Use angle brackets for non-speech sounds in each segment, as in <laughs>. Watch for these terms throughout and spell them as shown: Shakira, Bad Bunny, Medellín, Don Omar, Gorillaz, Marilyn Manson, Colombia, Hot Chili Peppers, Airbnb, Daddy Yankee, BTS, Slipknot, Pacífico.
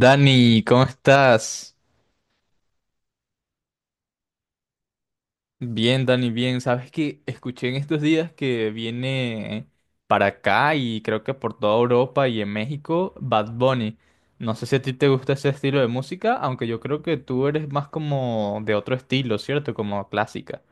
Dani, ¿cómo estás? Bien, Dani, bien. Sabes que escuché en estos días que viene para acá y creo que por toda Europa y en México, Bad Bunny. No sé si a ti te gusta ese estilo de música, aunque yo creo que tú eres más como de otro estilo, ¿cierto? Como clásica.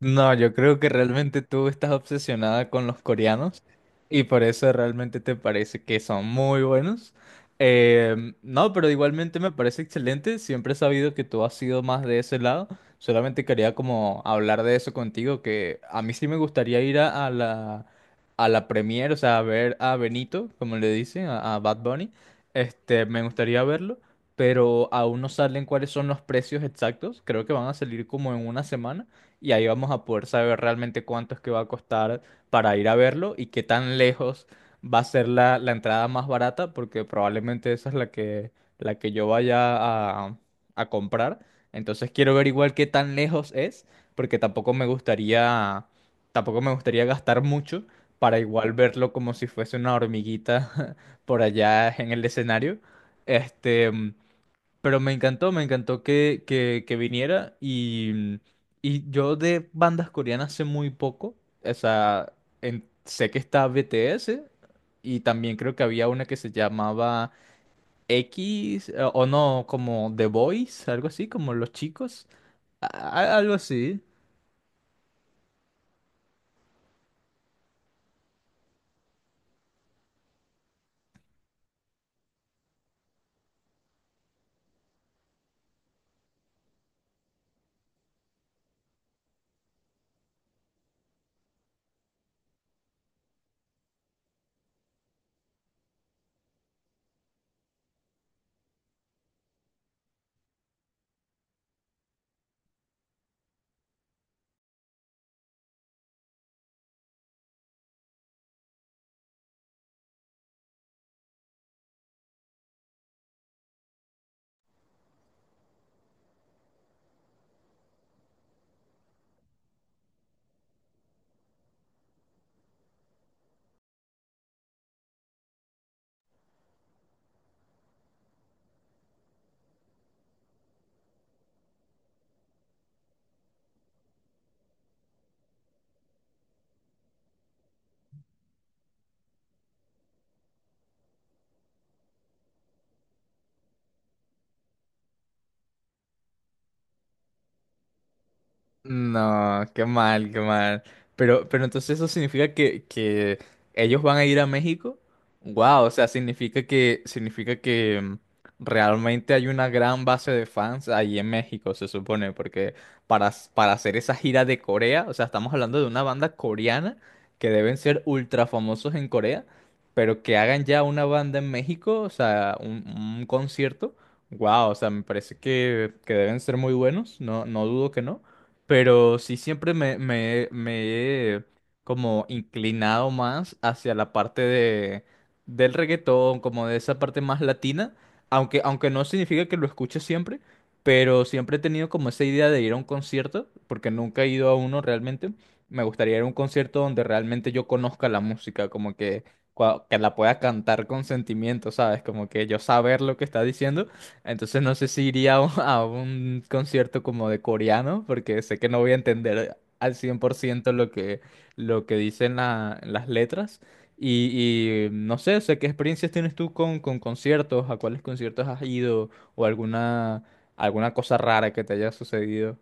No, yo creo que realmente tú estás obsesionada con los coreanos y por eso realmente te parece que son muy buenos. No, pero igualmente me parece excelente. Siempre he sabido que tú has sido más de ese lado. Solamente quería como hablar de eso contigo, que a mí sí me gustaría ir a la premiere, o sea, a ver a Benito, como le dicen, a Bad Bunny. Me gustaría verlo, pero aún no salen cuáles son los precios exactos. Creo que van a salir como en una semana y ahí vamos a poder saber realmente cuánto es que va a costar para ir a verlo y qué tan lejos va a ser la entrada más barata, porque probablemente esa es la que yo vaya a comprar. Entonces quiero ver igual qué tan lejos es, porque tampoco me gustaría gastar mucho para igual verlo como si fuese una hormiguita <laughs> por allá en el escenario. Este, pero me encantó que viniera y yo de bandas coreanas sé muy poco. O sea, sé que está BTS y también creo que había una que se llamaba X o no, como The Boys, algo así, como los chicos, algo así. No, qué mal, qué mal. Pero entonces eso significa que ellos van a ir a México. Wow, o sea, significa que realmente hay una gran base de fans ahí en México, se supone, porque para hacer esa gira de Corea, o sea, estamos hablando de una banda coreana que deben ser ultra famosos en Corea, pero que hagan ya una banda en México, o sea, un concierto. Wow, o sea, me parece que deben ser muy buenos, no, no dudo que no. Pero sí siempre me he como inclinado más hacia la parte del reggaetón, como de esa parte más latina, aunque no significa que lo escuche siempre, pero siempre he tenido como esa idea de ir a un concierto, porque nunca he ido a uno realmente. Me gustaría ir a un concierto donde realmente yo conozca la música, como que, que la pueda cantar con sentimiento, ¿sabes? Como que yo saber lo que está diciendo entonces no sé si iría <laughs> a un concierto como de coreano, porque sé que no voy a entender al 100% lo que dicen las letras. No sé, o sea, ¿qué experiencias tienes tú con conciertos? ¿A cuáles conciertos has ido? ¿O alguna cosa rara que te haya sucedido?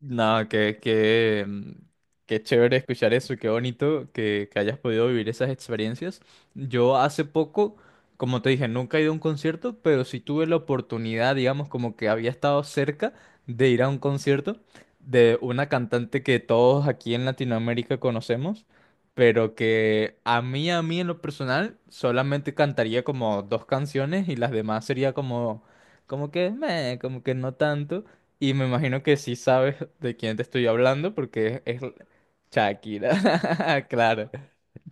Nada, qué chévere escuchar eso, qué bonito que hayas podido vivir esas experiencias. Yo hace poco, como te dije, nunca he ido a un concierto, pero sí tuve la oportunidad, digamos, como que había estado cerca de ir a un concierto de una cantante que todos aquí en Latinoamérica conocemos, pero que a mí en lo personal, solamente cantaría como dos canciones y las demás sería como que, meh, como que no tanto. Y me imagino que sí sabes de quién te estoy hablando porque es Shakira. <laughs> Claro.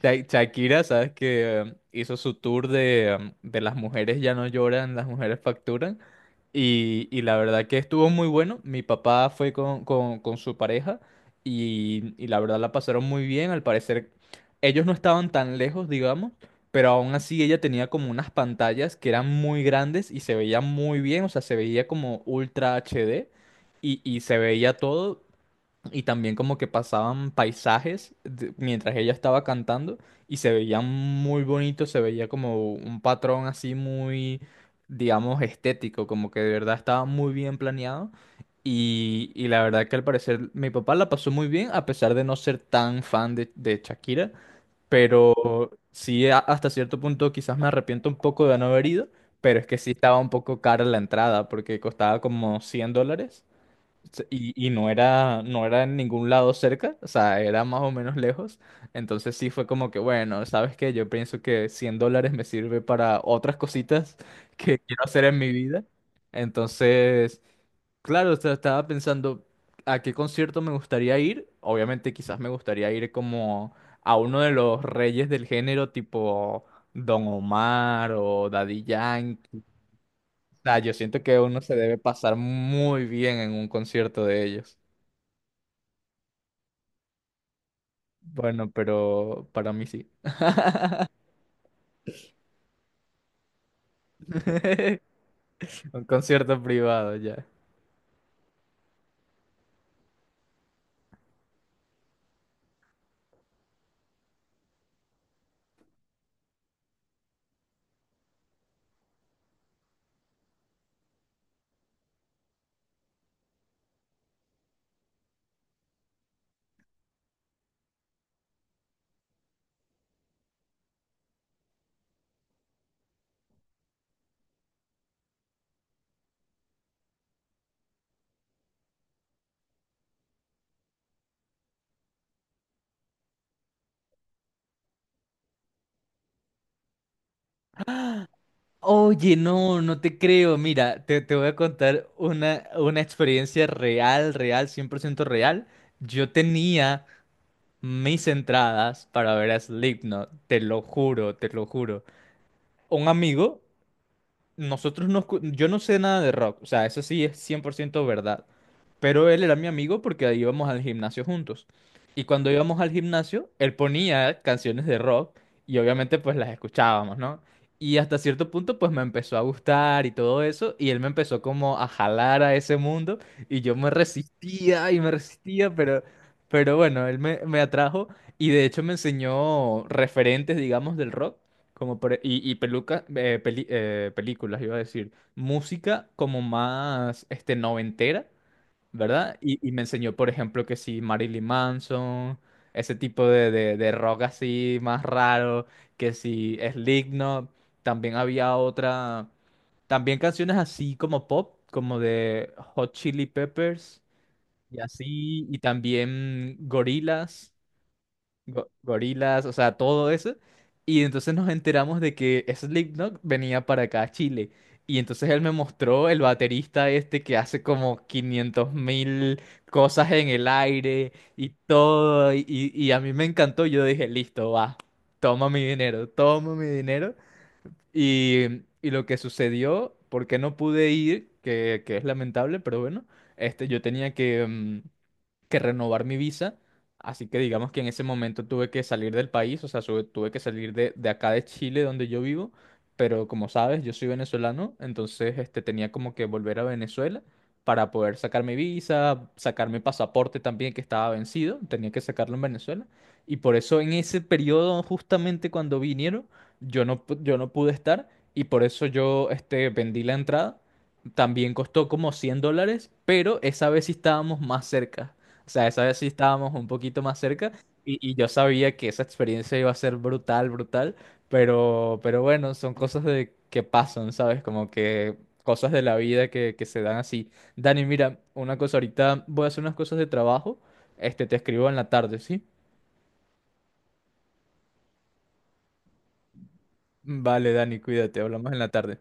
Shakira, ¿sabes que hizo su tour de las mujeres ya no lloran, las mujeres facturan? Y la verdad que estuvo muy bueno. Mi papá fue con su pareja y la verdad la pasaron muy bien. Al parecer ellos no estaban tan lejos, digamos, pero aún así ella tenía como unas pantallas que eran muy grandes y se veía muy bien, o sea, se veía como ultra HD y se veía todo y también como que pasaban paisajes mientras ella estaba cantando y se veía muy bonito se veía como un patrón así muy, digamos, estético, como que de verdad estaba muy bien planeado. Y la verdad que al parecer mi papá la pasó muy bien, a pesar de no ser tan fan de Shakira, pero sí hasta cierto punto quizás me arrepiento un poco de no haber ido, pero es que sí estaba un poco cara la entrada porque costaba como $100. Y no era en ningún lado cerca, o sea, era más o menos lejos. Entonces sí fue como que, bueno, ¿sabes qué? Yo pienso que $100 me sirve para otras cositas <laughs> que quiero hacer en mi vida. Entonces, claro, o sea, estaba pensando a qué concierto me gustaría ir. Obviamente quizás me gustaría ir como a uno de los reyes del género, tipo Don Omar o Daddy Yankee. O sea, yo siento que uno se debe pasar muy bien en un concierto de ellos. Bueno, pero para mí sí. Un concierto privado ya. Oye, no, no te creo. Mira, te voy a contar una experiencia real, real, 100% real. Yo tenía mis entradas para ver a Slipknot, te lo juro, te lo juro. Un amigo Nosotros no, yo no sé nada de rock, o sea, eso sí es 100% verdad. Pero él era mi amigo porque ahí íbamos al gimnasio juntos. Y cuando íbamos al gimnasio, él ponía canciones de rock y obviamente pues las escuchábamos, ¿no? Y hasta cierto punto pues me empezó a gustar y todo eso y él me empezó como a jalar a ese mundo y yo me resistía y me resistía, pero bueno, él me atrajo y de hecho me enseñó referentes, digamos, del rock. Y peluca, películas, iba a decir. Música como más este, noventera, ¿verdad? Y me enseñó, por ejemplo, que sí, Marilyn Manson, ese tipo de rock así más raro, que sí, Slipknot. También había otra, también canciones así como pop, como de Hot Chili Peppers y así, y también Gorillaz gorilas, o sea, todo eso. Y entonces nos enteramos de que Slipknot venía para acá a Chile. Y entonces él me mostró el baterista este que hace como 500 mil cosas en el aire y todo. Y a mí me encantó. Yo dije, listo, va, toma mi dinero, toma mi dinero. Y lo que sucedió, porque no pude ir, que es lamentable, pero bueno, yo tenía que renovar mi visa. Así que digamos que en ese momento tuve que salir del país, o sea, tuve que salir de acá de Chile, donde yo vivo. Pero como sabes, yo soy venezolano, entonces tenía como que volver a Venezuela para poder sacar mi visa, sacar mi pasaporte también que estaba vencido, tenía que sacarlo en Venezuela. Y por eso en ese periodo, justamente cuando vinieron, yo no pude estar y por eso yo vendí la entrada. También costó como $100, pero esa vez sí estábamos más cerca. O sea, esa vez sí estábamos un poquito más cerca y yo sabía que esa experiencia iba a ser brutal, brutal, pero bueno, son cosas de que pasan, ¿sabes? Como que cosas de la vida que se dan así. Dani, mira, una cosa, ahorita voy a hacer unas cosas de trabajo, te escribo en la tarde, ¿sí? Vale, Dani, cuídate, hablamos en la tarde.